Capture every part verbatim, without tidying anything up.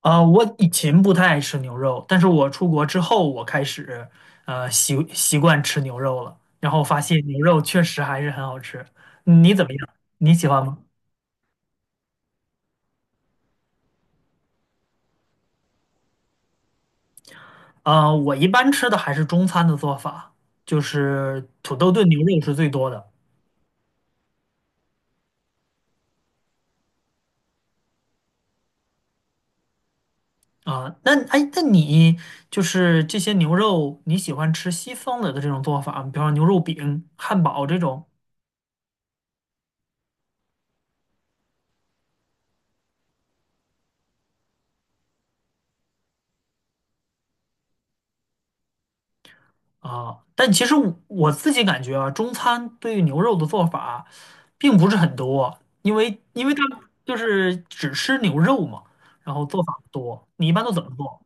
啊，我以前不太爱吃牛肉，但是我出国之后，我开始呃习习惯吃牛肉了，然后发现牛肉确实还是很好吃。嗯你怎么样？你喜欢吗？啊，我一般吃的还是中餐的做法，就是土豆炖牛肉是最多的啊。那哎，那你就是这些牛肉，你喜欢吃西方的的这种做法吗，比方说牛肉饼、汉堡这种？啊，但其实我我自己感觉啊，中餐对于牛肉的做法并不是很多啊，因为因为它就是只吃牛肉嘛，然后做法不多。你一般都怎么做？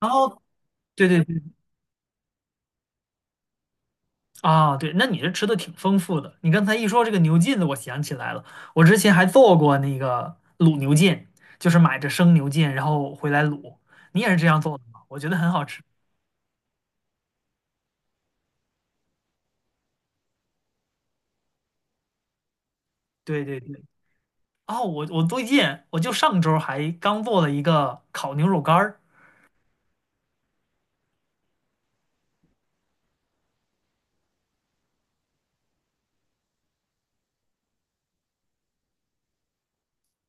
然后对对对啊，对，那你这吃的挺丰富的。你刚才一说这个牛腱子，我想起来了，我之前还做过那个卤牛腱，就是买着生牛腱然后回来卤。你也是这样做的吗？我觉得很好吃。对对对，哦，我我最近我就上周还刚做了一个烤牛肉干儿。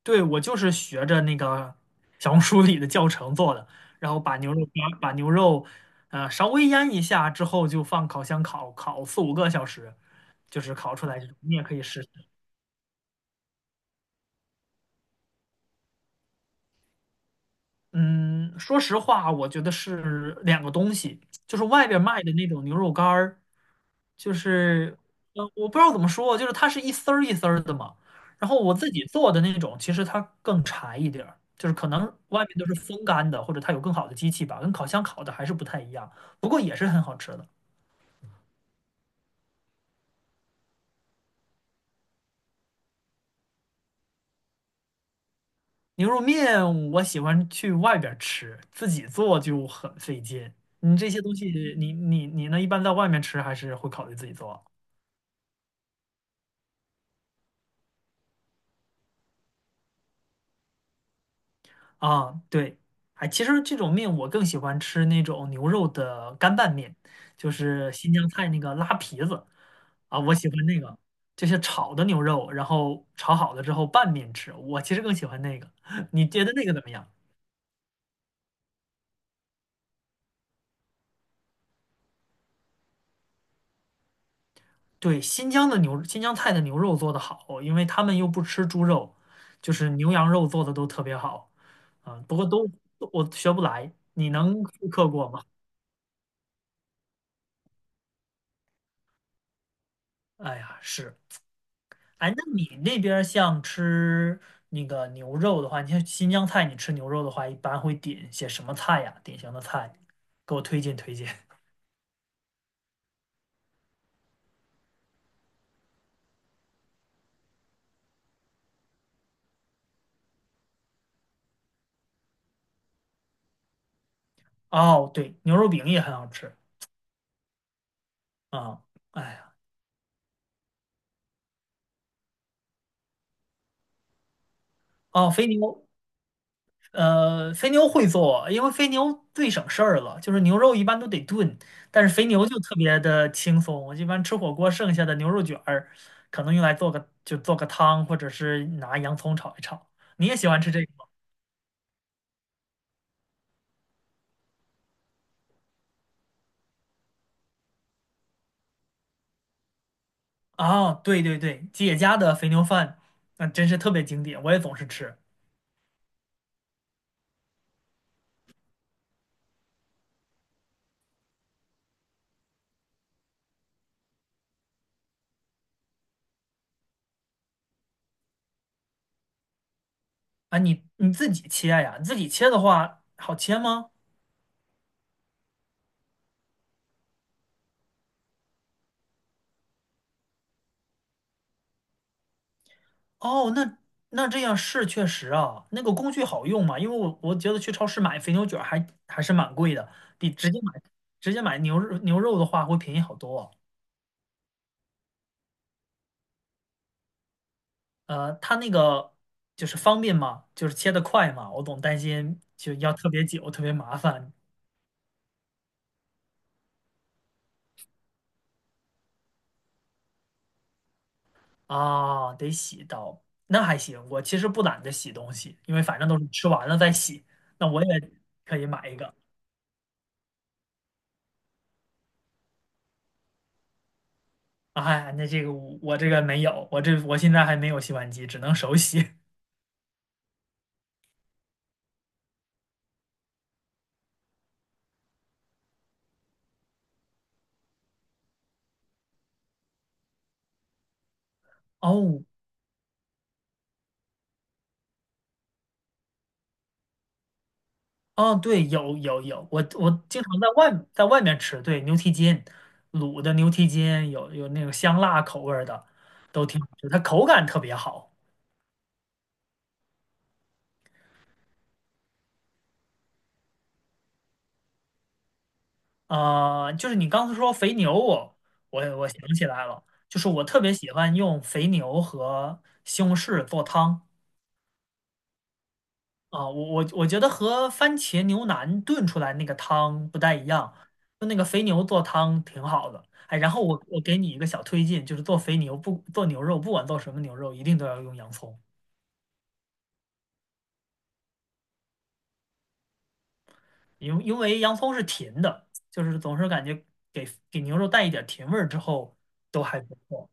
对，我就是学着那个小红书里的教程做的，然后把牛肉把把牛肉，呃，稍微腌一下之后，就放烤箱烤烤四五个小时，就是烤出来这种。你也可以试嗯，说实话，我觉得是两个东西，就是外边卖的那种牛肉干儿，就是，呃，我不知道怎么说，就是它是一丝儿一丝儿的嘛。然后我自己做的那种，其实它更柴一点儿，就是可能外面都是风干的，或者它有更好的机器吧，跟烤箱烤的还是不太一样，不过也是很好吃的。牛肉面我喜欢去外边儿吃，自己做就很费劲。你这些东西，你你你呢？一般在外面吃还是会考虑自己做？啊，对，哎，其实这种面我更喜欢吃那种牛肉的干拌面，就是新疆菜那个拉皮子啊，我喜欢那个，就是炒的牛肉，然后炒好了之后拌面吃，我其实更喜欢那个。你觉得那个怎么样？对，新疆的牛，新疆菜的牛肉做的好，因为他们又不吃猪肉，就是牛羊肉做的都特别好啊，不过都都我学不来，你能复刻过吗？哎呀，是。哎，那你那边儿像吃那个牛肉的话，你像新疆菜，你吃牛肉的话，一般会点些什么菜呀？典型的菜，给我推荐推荐。哦，对，牛肉饼也很好吃啊。哎呀，哦，肥牛，呃，肥牛会做，因为肥牛最省事儿了，就是牛肉一般都得炖，但是肥牛就特别的轻松。我一般吃火锅剩下的牛肉卷儿，可能用来做个就做个汤，或者是拿洋葱炒一炒。你也喜欢吃这个？啊，对对对，姐家的肥牛饭，那真是特别经典，我也总是吃。啊，你你自己切呀？自己切的话，好切吗？哦，那那这样是确实啊，那个工具好用嘛？因为我我觉得去超市买肥牛卷儿还还是蛮贵的，比直接买直接买牛肉牛肉的话会便宜好多啊。呃，它那个就是方便嘛，就是切得快嘛，我总担心就要特别久，特别麻烦。啊，得洗到，那还行。我其实不懒得洗东西，因为反正都是吃完了再洗。那我也可以买一个。哎，那这个我我这个没有，我这我现在还没有洗碗机，只能手洗。哦哦，对，有有有，我我经常在外在外面吃，对，牛蹄筋，卤的牛蹄筋有有那种香辣口味儿的，都挺好吃，它口感特别好。啊、呃就是你刚才说肥牛我，我我想起来了，就是我特别喜欢用肥牛和西红柿做汤啊、我我我觉得和番茄牛腩炖出来那个汤不太一样，就那个肥牛做汤挺好的。哎，然后我我给你一个小推荐，就是做肥牛不做牛肉，不管做什么牛肉，一定都要用洋葱，因为因为洋葱是甜的，就是总是感觉给给牛肉带一点甜味儿之后都还不错。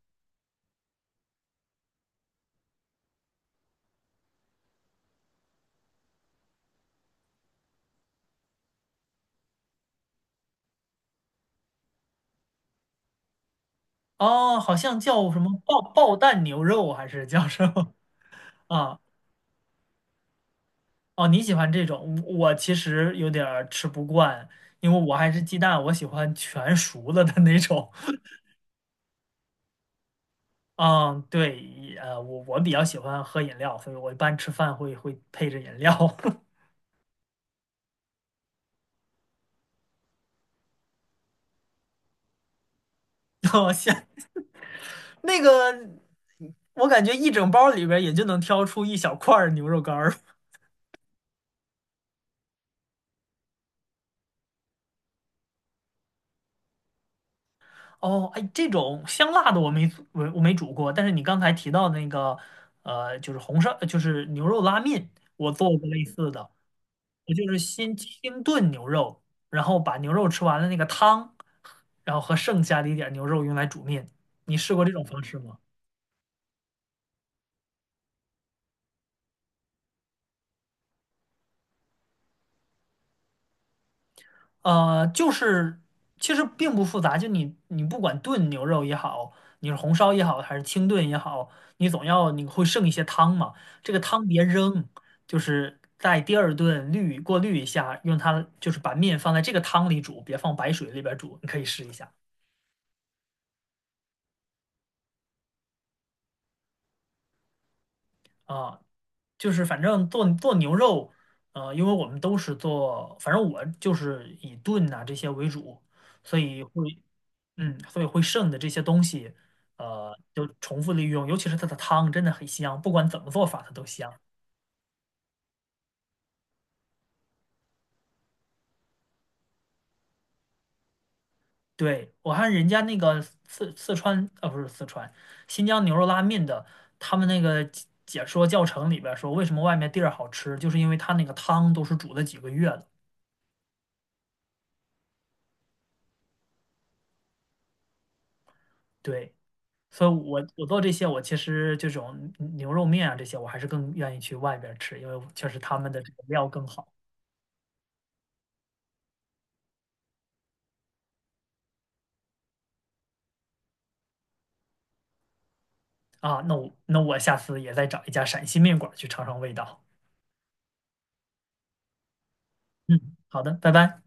哦，好像叫什么爆爆蛋牛肉还是叫什么 啊？哦，你喜欢这种，我我其实有点儿吃不惯，因为我还是鸡蛋，我喜欢全熟了的那种。嗯，对，呃，我我比较喜欢喝饮料，所以我一般吃饭会会配着饮料。我想那个，我感觉一整包里边儿也就能挑出一小块儿牛肉干儿。哦，哎，这种香辣的我没做我我没煮过，但是你刚才提到的那个，呃，就是红烧，就是牛肉拉面，我做过类似的，我就是先清炖牛肉，然后把牛肉吃完了那个汤，然后和剩下的一点儿牛肉用来煮面。你试过这种方式吗？呃，就是其实并不复杂，就你你不管炖牛肉也好，你是红烧也好，还是清炖也好，你总要你会剩一些汤嘛，这个汤别扔，就是在第二顿滤过滤一下，用它就是把面放在这个汤里煮，别放白水里边煮，你可以试一下。啊，就是反正做做牛肉，呃，因为我们都是做，反正我就是以炖呐、这些为主，所以会，嗯，所以会剩的这些东西，呃，就重复利用，尤其是它的汤真的很香，不管怎么做法它都香。对，我看人家那个四四川，啊不是四川，新疆牛肉拉面的，他们那个解解说教程里边儿说，为什么外面地儿好吃，就是因为它那个汤都是煮了几个月的。对。所以我我做这些，我其实这种牛肉面啊这些，我还是更愿意去外边儿吃，因为确实他们的这个料更好啊。那我那我下次也再找一家陕西面馆儿去尝尝味道。嗯，好的，拜拜。